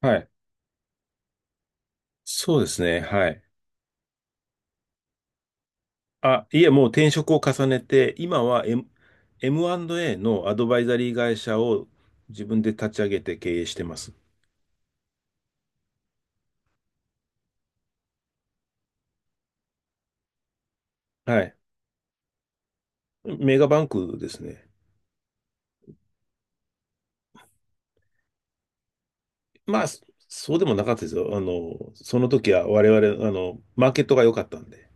はい。そうですね。はい。あ、いえ、もう転職を重ねて、今は M&A のアドバイザリー会社を自分で立ち上げて経営してます。はい。メガバンクですね。まあ、そうでもなかったですよ。その時は我々、マーケットが良かったんで。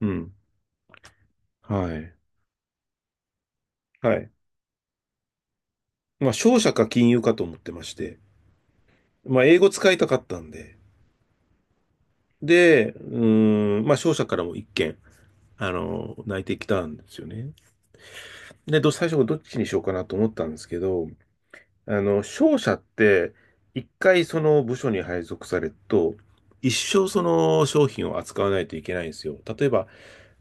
うん。はい。はい。まあ、商社か金融かと思ってまして、まあ、英語使いたかったんで、で、うーん、まあ、商社からも一件、内定来たんですよね。で、最初どっちにしようかなと思ったんですけど、商社って、一回その部署に配属されると、一生その商品を扱わないといけないんですよ。例えば、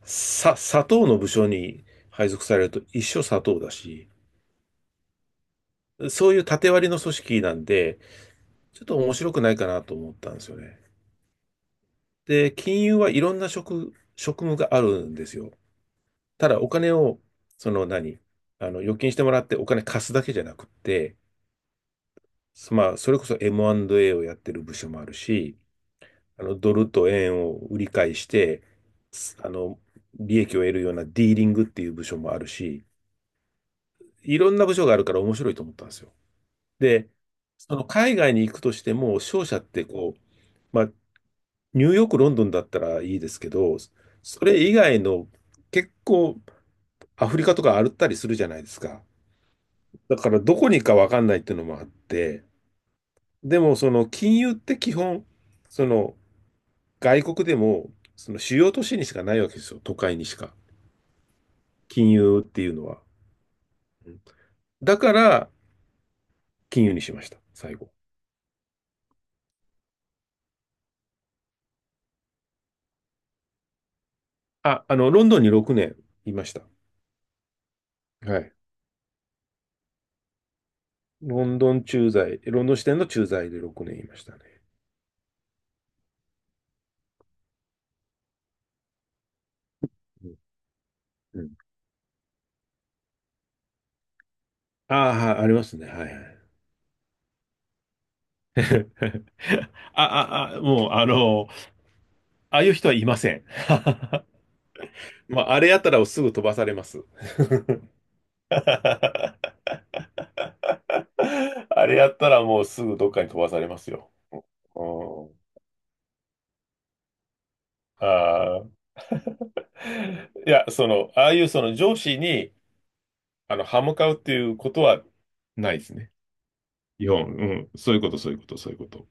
砂糖の部署に配属されると一生砂糖だし、そういう縦割りの組織なんで、ちょっと面白くないかなと思ったんですよね。で、金融はいろんな職務があるんですよ。ただお金を、その何あの、預金してもらってお金貸すだけじゃなくって、まあ、それこそ M&A をやってる部署もあるし、ドルと円を売り買いして、すあの、利益を得るようなディーリングっていう部署もあるし、いろんな部署があるから面白いと思ったんですよ。で、その海外に行くとしても、商社ってこう、まあ、ニューヨーク、ロンドンだったらいいですけど、それ以外の結構アフリカとか歩ったりするじゃないですか。だからどこに行くかわかんないっていうのもあって、でもその金融って基本、その外国でも、その主要都市にしかないわけですよ。都会にしか。金融っていうのは。うんだから、金融にしました。最後。あ、ロンドンに6年いました。はい。ロンドン駐在、ロンドン支店の駐在で6年いましたね。うん。ああ、はいありますね。はい。はい。もう、ああいう人はいません。まあ、あれやったらすぐ飛ばされます。あれやったらもうすぐどっかに飛ばされますよ。うん。ああ。いや、その、ああいうその上司に、歯向かうっていうことはないですね。日本、うん。そういうこと、そういうこと、そういうこと。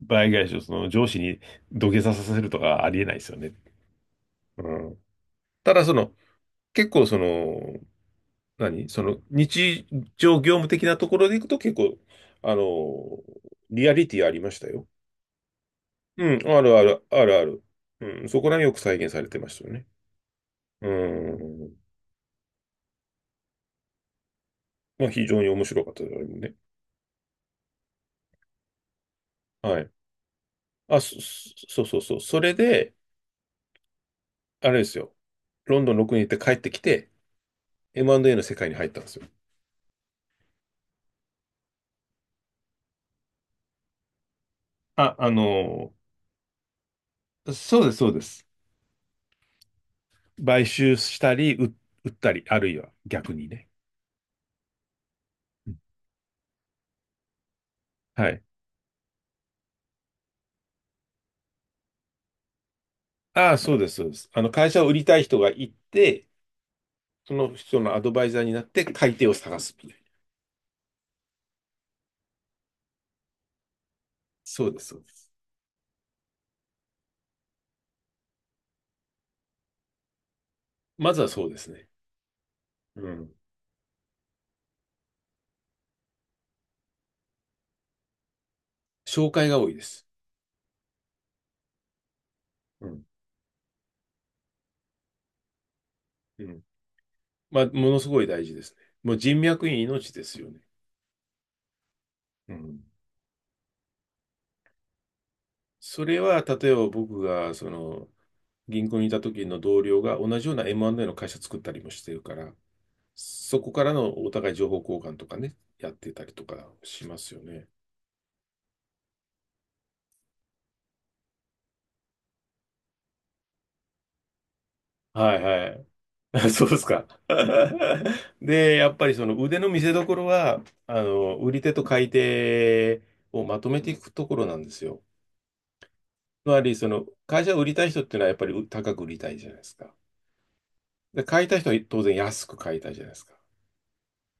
倍返しをその上司に土下座させるとかはありえないですよね。うん。ただ、その、結構その、日常業務的なところでいくと結構、あの、リアリティありましたよ。うん、あるある、あるある。うん、そこらによく再現されてましたよね。うん。まあ、非常に面白かったですね。はい。あ、そうそうそう。それで、あれですよ。ロンドン6に行って帰ってきて、M&A の世界に入ったんですよ。あ、あのそうです、そうです。買収したり、売ったり、あるいは逆にね。うん。はい。ああ、そうです、そうです。会社を売りたい人がいて、その人のアドバイザーになって買い手を探すみたいな。そうです、そうです。まずはそうですね。うん。紹介が多いです。うん。うん。まあ、ものすごい大事ですね。もう人脈に命ですよね。うん。それは、例えば僕が、その、銀行にいた時の同僚が同じような M&A の会社作ったりもしてるから、そこからのお互い情報交換とかね、やってたりとかしますよね。はい。はい。そうですか。で、やっぱりその腕の見せ所は、売り手と買い手をまとめていくところなんですよ。つまり、その、会社を売りたい人っていうのはやっぱり高く売りたいじゃないですか。で、買いたい人は当然安く買いたいじゃないですか。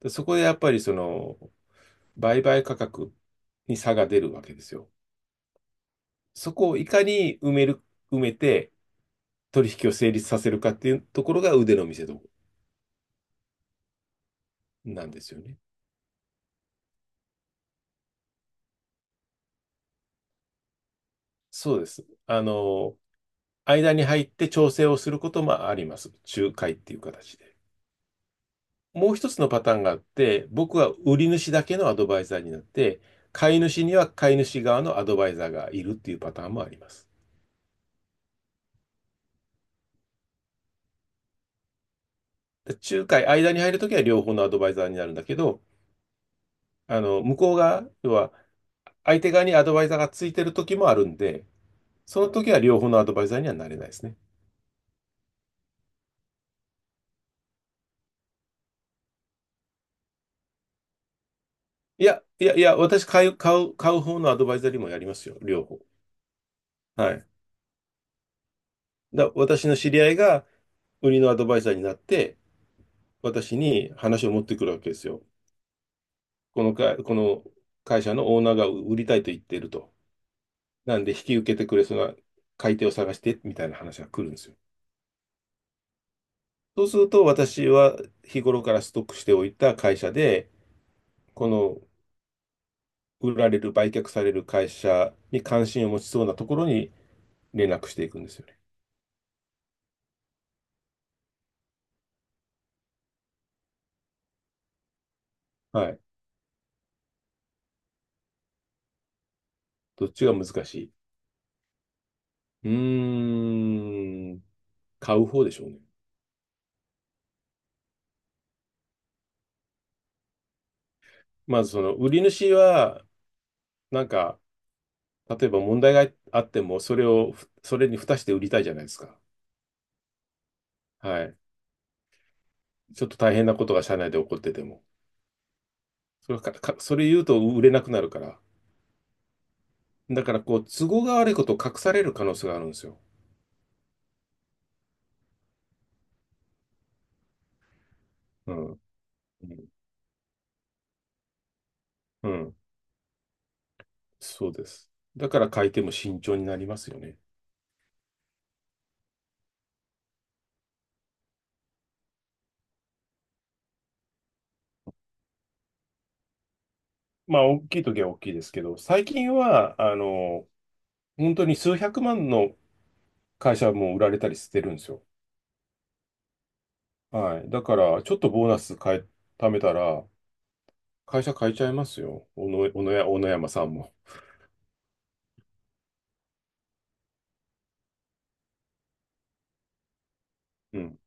で、そこでやっぱりその、売買価格に差が出るわけですよ。そこをいかに埋めて取引を成立させるかっていうところが腕の見せ所なんですよね。そうです。間に入って調整をすることもあります。仲介っていう形で。もう一つのパターンがあって、僕は売り主だけのアドバイザーになって、買い主には買い主側のアドバイザーがいるっていうパターンもあります。で仲介、間に入るときは両方のアドバイザーになるんだけど、向こうが、要は、相手側にアドバイザーがついてる時もあるんで、その時は両方のアドバイザーにはなれないですね。いや、いや、いや、私買う方のアドバイザーにもやりますよ、両方。はい。私の知り合いが売りのアドバイザーになって、私に話を持ってくるわけですよ。この会社のオーナーが売りたいと言っていると。なんで引き受けてくれそうな買い手を探して、みたいな話が来るんですよ。そうすると、私は日頃からストックしておいた会社で、この売却される会社に関心を持ちそうなところに連絡していくんですよね。はい。どっちが難しい。うーん、買う方でしょうね。まずその売り主は、なんか、例えば問題があっても、それを、それに付して売りたいじゃないですか。はい。ちょっと大変なことが社内で起こってても。それ言うと売れなくなるから。だから、こう、都合が悪いことを隠される可能性があるんですよ。うん。うん。うん。そうです。だから買いても慎重になりますよね。まあ、大きい時は大きいですけど、最近は、本当に数百万の会社も売られたりしてるんですよ。はい。だから、ちょっとボーナス変え、貯めたら、会社変えちゃいますよ。小野山さんも。うん。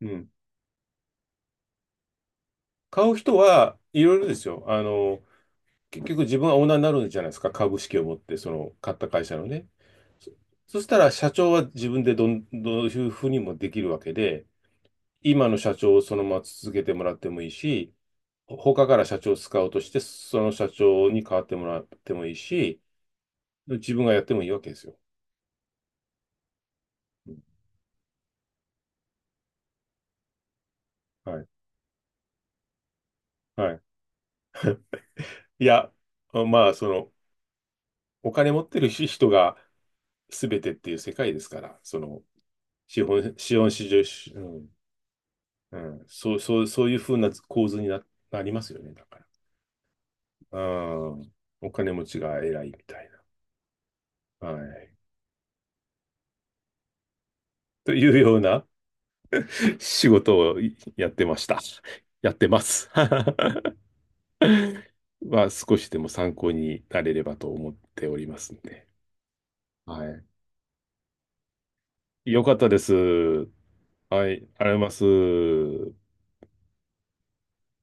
うん。買う人はいろいろですよ。結局自分はオーナーになるんじゃないですか。株式を持って、その、買った会社のね。そ、そしたら、社長は自分でどういうふうにもできるわけで、今の社長をそのまま続けてもらってもいいし、他から社長を使カウして、その社長に代わってもらってもいいし、自分がやってもいいわけですよ。うん。はい。はい。いや、まあ、その、お金持ってる人が全てっていう世界ですから、その、資本市場、うん、うん、そういうふうな構図になりますよね、だから。うん、お金持ちが偉いみたいな。はい。というような仕事をやってました。やってます。は少しでも参考になれればと思っておりますんで。はい。よかったです。はい、ありがとうございます。